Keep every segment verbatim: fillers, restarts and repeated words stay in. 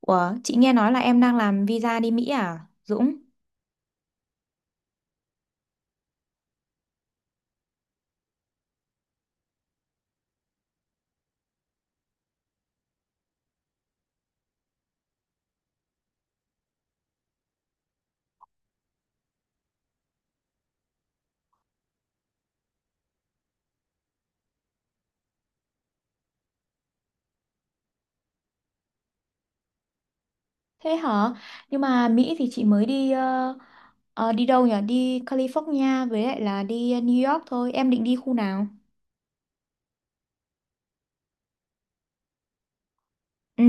Ủa, chị nghe nói là em đang làm visa đi Mỹ à, Dũng? Thế hả? Nhưng mà Mỹ thì chị mới đi ờ, ờ, đi đâu nhỉ? Đi California với lại là đi ờ, New York thôi. Em định đi khu nào? Ừ,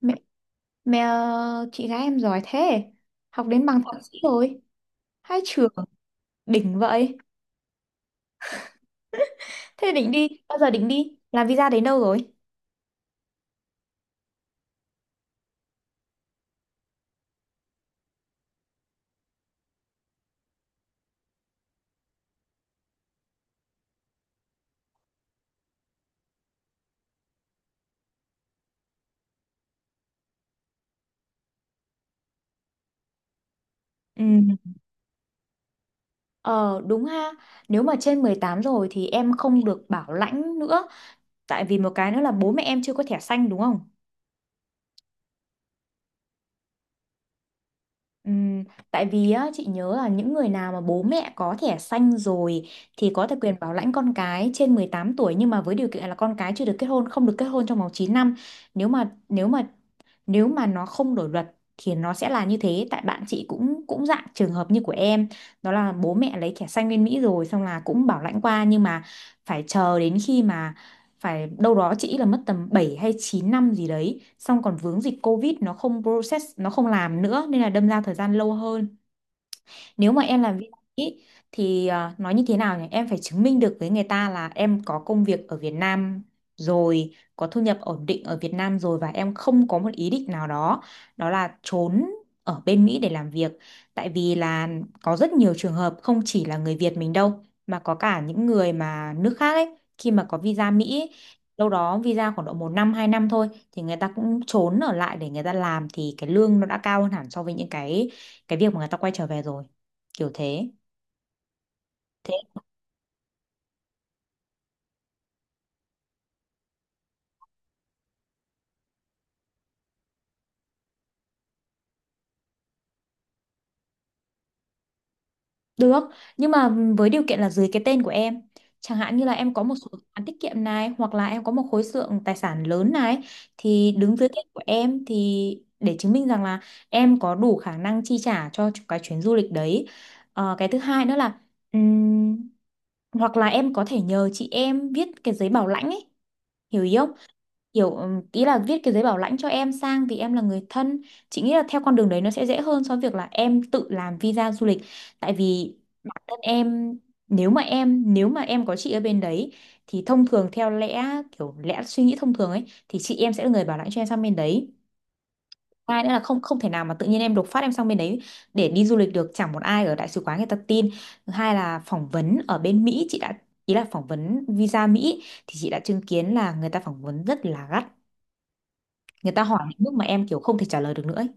mẹ, mẹ ờ, chị gái em giỏi thế. Học đến bằng thạc sĩ rồi. Hai trường đỉnh vậy. Thế định đi, bao giờ định đi? Làm visa đến đâu rồi? Ừ. Ờ đúng ha, nếu mà trên mười tám rồi thì em không được bảo lãnh nữa. Tại vì một cái nữa là bố mẹ em chưa có thẻ xanh đúng không? Ừm, tại vì á, chị nhớ là những người nào mà bố mẹ có thẻ xanh rồi thì có thể quyền bảo lãnh con cái trên mười tám tuổi, nhưng mà với điều kiện là con cái chưa được kết hôn, không được kết hôn trong vòng chín năm. Nếu mà nếu mà nếu mà nó không đổi luật thì nó sẽ là như thế, tại bạn chị cũng cũng dạng trường hợp như của em, đó là bố mẹ lấy thẻ xanh bên Mỹ rồi xong là cũng bảo lãnh qua, nhưng mà phải chờ đến khi mà phải đâu đó chị là mất tầm bảy hay chín năm gì đấy, xong còn vướng dịch Covid nó không process, nó không làm nữa nên là đâm ra thời gian lâu hơn. Nếu mà em làm vê en i ý, thì à, nói như thế nào nhỉ, em phải chứng minh được với người ta là em có công việc ở Việt Nam rồi, có thu nhập ổn định ở Việt Nam rồi, và em không có một ý định nào đó, đó là trốn ở bên Mỹ để làm việc. Tại vì là có rất nhiều trường hợp không chỉ là người Việt mình đâu, mà có cả những người mà nước khác ấy, khi mà có visa Mỹ ấy, đâu đó visa khoảng độ một năm hai năm thôi thì người ta cũng trốn ở lại để người ta làm, thì cái lương nó đã cao hơn hẳn so với những cái cái việc mà người ta quay trở về rồi, kiểu thế thế Được, nhưng mà với điều kiện là dưới cái tên của em. Chẳng hạn như là em có một số khoản tiết kiệm này, hoặc là em có một khối lượng tài sản lớn này, thì đứng dưới tên của em thì để chứng minh rằng là em có đủ khả năng chi trả cho cái chuyến du lịch đấy. Ờ, cái thứ hai nữa là ừm, hoặc là em có thể nhờ chị em viết cái giấy bảo lãnh ấy. Hiểu ý không? Hiểu ừm, Ý là viết cái giấy bảo lãnh cho em sang vì em là người thân. Chị nghĩ là theo con đường đấy nó sẽ dễ hơn so với việc là em tự làm visa du lịch, tại vì bản thân em, nếu mà em nếu mà em có chị ở bên đấy thì thông thường theo lẽ kiểu lẽ suy nghĩ thông thường ấy thì chị em sẽ là người bảo lãnh cho em sang bên đấy. Hai nữa là không không thể nào mà tự nhiên em đột phát em sang bên đấy để đi du lịch được, chẳng một ai ở đại sứ quán người ta tin. Thứ hai là phỏng vấn ở bên Mỹ chị đã ý là phỏng vấn visa Mỹ thì chị đã chứng kiến là người ta phỏng vấn rất là gắt, người ta hỏi những bước mà em kiểu không thể trả lời được nữa ấy.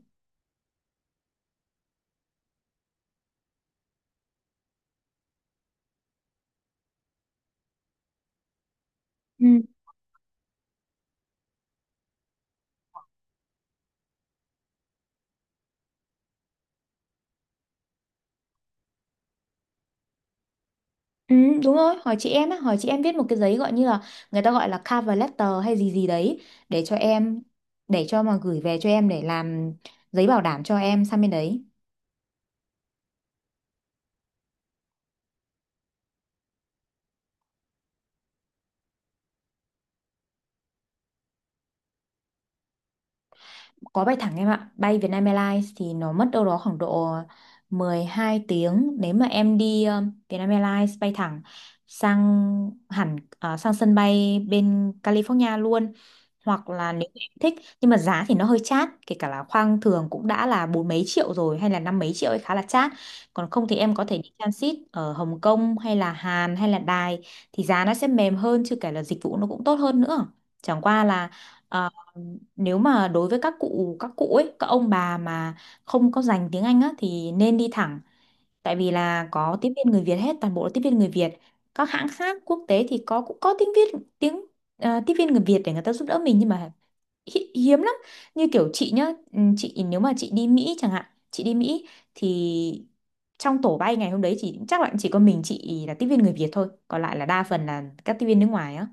Ừ, đúng rồi, hỏi chị em á, hỏi chị em viết một cái giấy gọi như là, người ta gọi là cover letter hay gì gì đấy, để cho em để cho mà gửi về cho em để làm giấy bảo đảm cho em sang bên đấy. Có bay thẳng em ạ, bay Vietnam Airlines thì nó mất đâu đó khoảng độ mười hai tiếng, nếu mà em đi um, Vietnam Airlines bay thẳng sang, hẳn à, sang sân bay bên California luôn, hoặc là nếu em thích. Nhưng mà giá thì nó hơi chát, kể cả là khoang thường cũng đã là bốn mấy triệu rồi hay là năm mấy triệu ấy, khá là chát. Còn không thì em có thể đi transit ở Hồng Kông hay là Hàn hay là Đài thì giá nó sẽ mềm hơn, chứ kể là dịch vụ nó cũng tốt hơn nữa. Chẳng qua là ờ, nếu mà đối với các cụ, các cụ ấy các ông bà mà không có dành tiếng Anh á thì nên đi thẳng, tại vì là có tiếp viên người Việt hết, toàn bộ là tiếp viên người Việt. Các hãng khác quốc tế thì có cũng có tiếng Việt, tiếng ờ, tiếp viên người Việt để người ta giúp đỡ mình, nhưng mà hi, hiếm lắm. Như kiểu chị nhá, ừ, chị nếu mà chị đi Mỹ chẳng hạn chị đi Mỹ thì trong tổ bay ngày hôm đấy chỉ chắc là chỉ có mình chị là tiếp viên người Việt thôi, còn lại là đa phần là các tiếp viên nước ngoài á.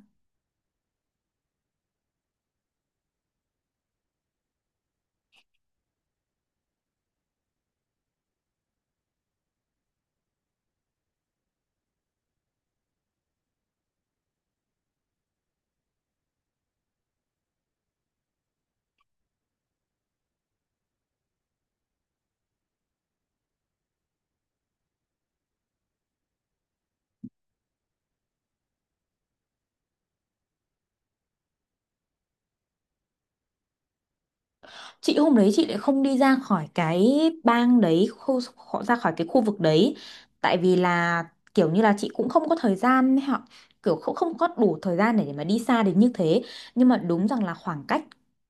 Chị hôm đấy chị lại không đi ra khỏi cái bang đấy, khu khỏi- ra khỏi cái khu vực đấy, tại vì là kiểu như là chị cũng không có thời gian ấy, họ kiểu không không có đủ thời gian để, để mà đi xa đến như thế. Nhưng mà đúng rằng là khoảng cách,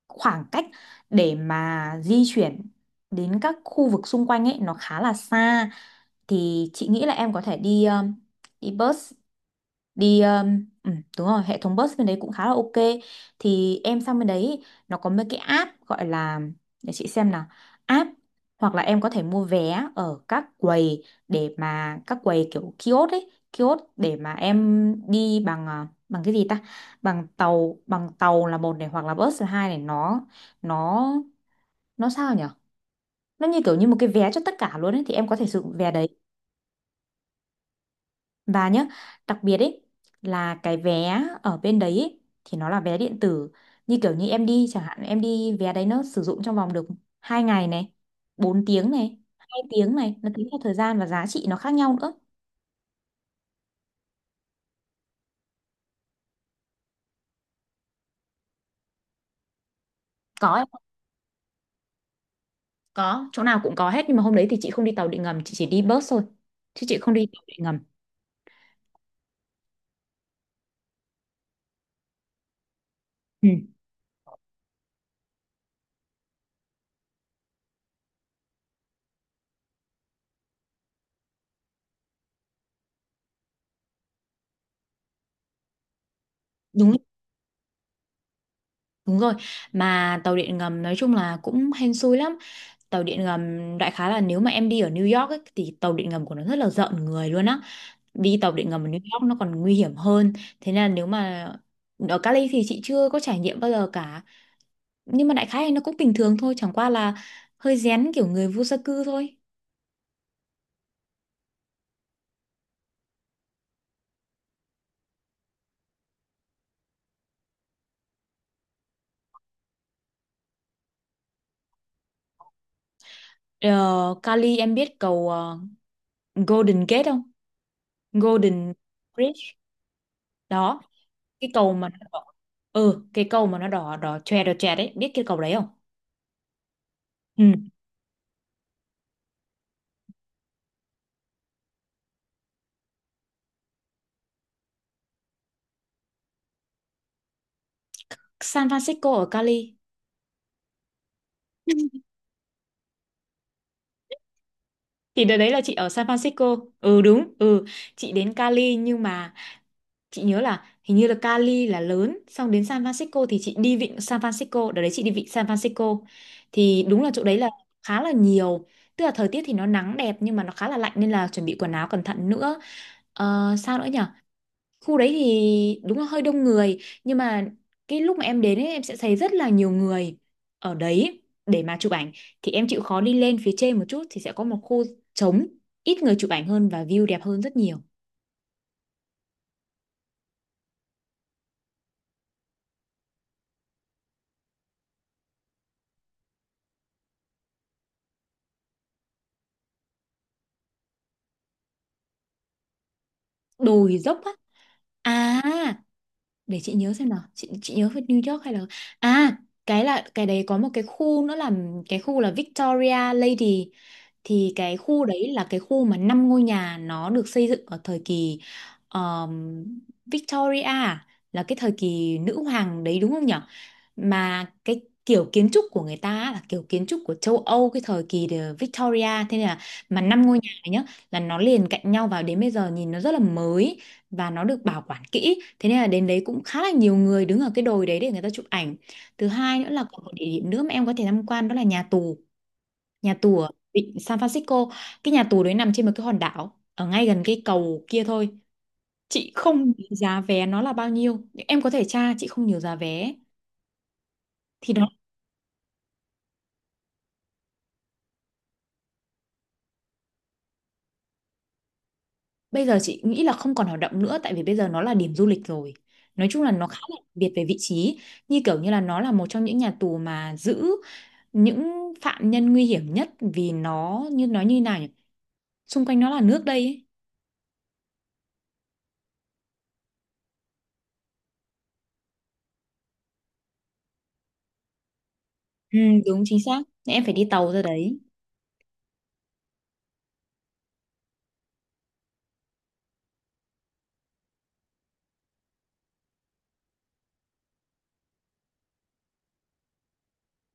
khoảng cách để mà di chuyển đến các khu vực xung quanh ấy nó khá là xa. Thì chị nghĩ là em có thể đi um, đi bus, đi um, ừ, đúng rồi, hệ thống bus bên đấy cũng khá là ok. Thì em sang bên đấy nó có mấy cái app gọi là, để chị xem nào, app, hoặc là em có thể mua vé ở các quầy, để mà các quầy kiểu kiosk ấy, kiosk để mà em đi bằng, à, bằng cái gì ta, bằng tàu, bằng tàu là một này, hoặc là bus là hai này, nó, nó nó sao nhở, nó như kiểu như một cái vé cho tất cả luôn ấy, thì em có thể sử dụng vé đấy. Và nhá, đặc biệt ấy, là cái vé ở bên đấy ấy, thì nó là vé điện tử. Như kiểu như em đi chẳng hạn, em đi vé đấy, nó sử dụng trong vòng được hai ngày này, bốn tiếng này, hai tiếng này, nó tính theo thời gian và giá trị nó khác nhau nữa. Có em ạ, có, chỗ nào cũng có hết, nhưng mà hôm đấy thì chị không đi tàu điện ngầm, chị chỉ đi bus thôi. Chứ chị không đi tàu điện ngầm. Ừ, đúng đúng rồi. Mà tàu điện ngầm nói chung là cũng hên xui lắm. Tàu điện ngầm đại khái là nếu mà em đi ở New York ấy, thì tàu điện ngầm của nó rất là rợn người luôn á, đi tàu điện ngầm ở New York nó còn nguy hiểm hơn. Thế nên là nếu mà ở Cali thì chị chưa có trải nghiệm bao giờ cả, nhưng mà đại khái thì nó cũng bình thường thôi, chẳng qua là hơi rén kiểu người vô gia cư thôi. ờ, Cali em biết cầu ờ, Golden Gate không? Golden Bridge đó, cái cầu mà nó đỏ, ừ, cái cầu mà nó đỏ đỏ chòe đỏ chòe đấy, biết cái cầu đấy không? Ừ. San Francisco ở Cali. Thì đợt đấy là chị ở San Francisco. Ừ đúng, ừ. Chị đến Cali, nhưng mà chị nhớ là hình như là Cali là lớn, xong đến San Francisco thì chị đi vịnh San Francisco, đợt đấy chị đi vịnh San Francisco. Thì đúng là chỗ đấy là khá là nhiều. Tức là thời tiết thì nó nắng đẹp nhưng mà nó khá là lạnh nên là chuẩn bị quần áo cẩn thận nữa. Ờ, sao nữa nhỉ? Khu đấy thì đúng là hơi đông người, nhưng mà cái lúc mà em đến ấy em sẽ thấy rất là nhiều người ở đấy để mà chụp ảnh, thì em chịu khó đi lên phía trên một chút thì sẽ có một khu trống, ít người chụp ảnh hơn và view đẹp hơn rất nhiều. Đồi dốc á? à để chị nhớ xem nào, chị chị nhớ về New York hay là, à cái là cái đấy có một cái khu nữa là, cái khu là Victoria Lady, thì cái khu đấy là cái khu mà năm ngôi nhà nó được xây dựng ở thời kỳ um, Victoria à? Là cái thời kỳ nữ hoàng đấy đúng không nhỉ, mà cái kiểu kiến trúc của người ta á, là kiểu kiến trúc của châu Âu cái thời kỳ the Victoria. Thế nên là, mà năm ngôi nhà này nhá, là nó liền cạnh nhau, vào đến bây giờ nhìn nó rất là mới và nó được bảo quản kỹ, thế nên là đến đấy cũng khá là nhiều người đứng ở cái đồi đấy để người ta chụp ảnh. Thứ hai nữa là còn một địa điểm nữa mà em có thể tham quan, đó là nhà tù, nhà tù ở vịnh San Francisco. Cái nhà tù đấy nằm trên một cái hòn đảo ở ngay gần cái cầu kia thôi. Chị không nhớ giá vé nó là bao nhiêu nhưng em có thể tra, chị không nhớ giá vé. Thì nó, bây giờ chị nghĩ là không còn hoạt động nữa, tại vì bây giờ nó là điểm du lịch rồi. Nói chung là nó khá là đặc biệt về vị trí, như kiểu như là nó là một trong những nhà tù mà giữ những phạm nhân nguy hiểm nhất, vì nó như nói như nào nhỉ? Xung quanh nó là nước đây ấy. Ừ, đúng chính xác. Em phải đi tàu ra đấy.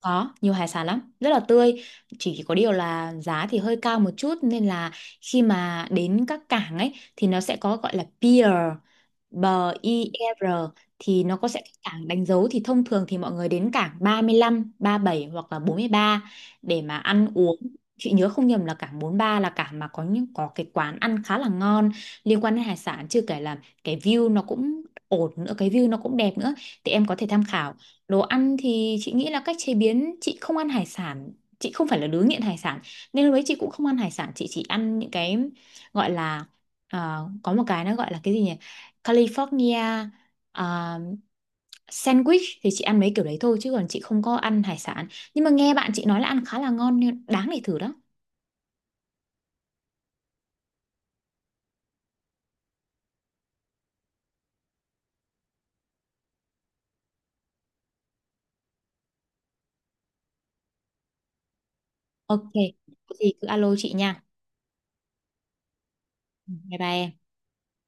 Có, nhiều hải sản lắm, rất là tươi. Chỉ có điều là giá thì hơi cao một chút, nên là khi mà đến các cảng ấy thì nó sẽ có gọi là pier, bờ i rờ, thì nó có sẽ cái cảng đánh dấu, thì thông thường thì mọi người đến cảng ba mươi lăm, bảy hoặc là bốn mươi ba để mà ăn uống. Chị nhớ không nhầm là cảng bốn mươi ba là cảng mà có những có cái quán ăn khá là ngon liên quan đến hải sản, chưa kể là cái view nó cũng ổn nữa, cái view nó cũng đẹp nữa, thì em có thể tham khảo. Đồ ăn thì chị nghĩ là cách chế biến, chị không ăn hải sản, chị không phải là đứa nghiện hải sản, nên lúc đấy chị cũng không ăn hải sản, chị chỉ ăn những cái gọi là, ờ, có một cái nó gọi là cái gì nhỉ, California, ờ, sandwich, thì chị ăn mấy kiểu đấy thôi chứ còn chị không có ăn hải sản, nhưng mà nghe bạn chị nói là ăn khá là ngon nên đáng để thử đó. Ok, có gì cứ alo chị nha. Bye bye em.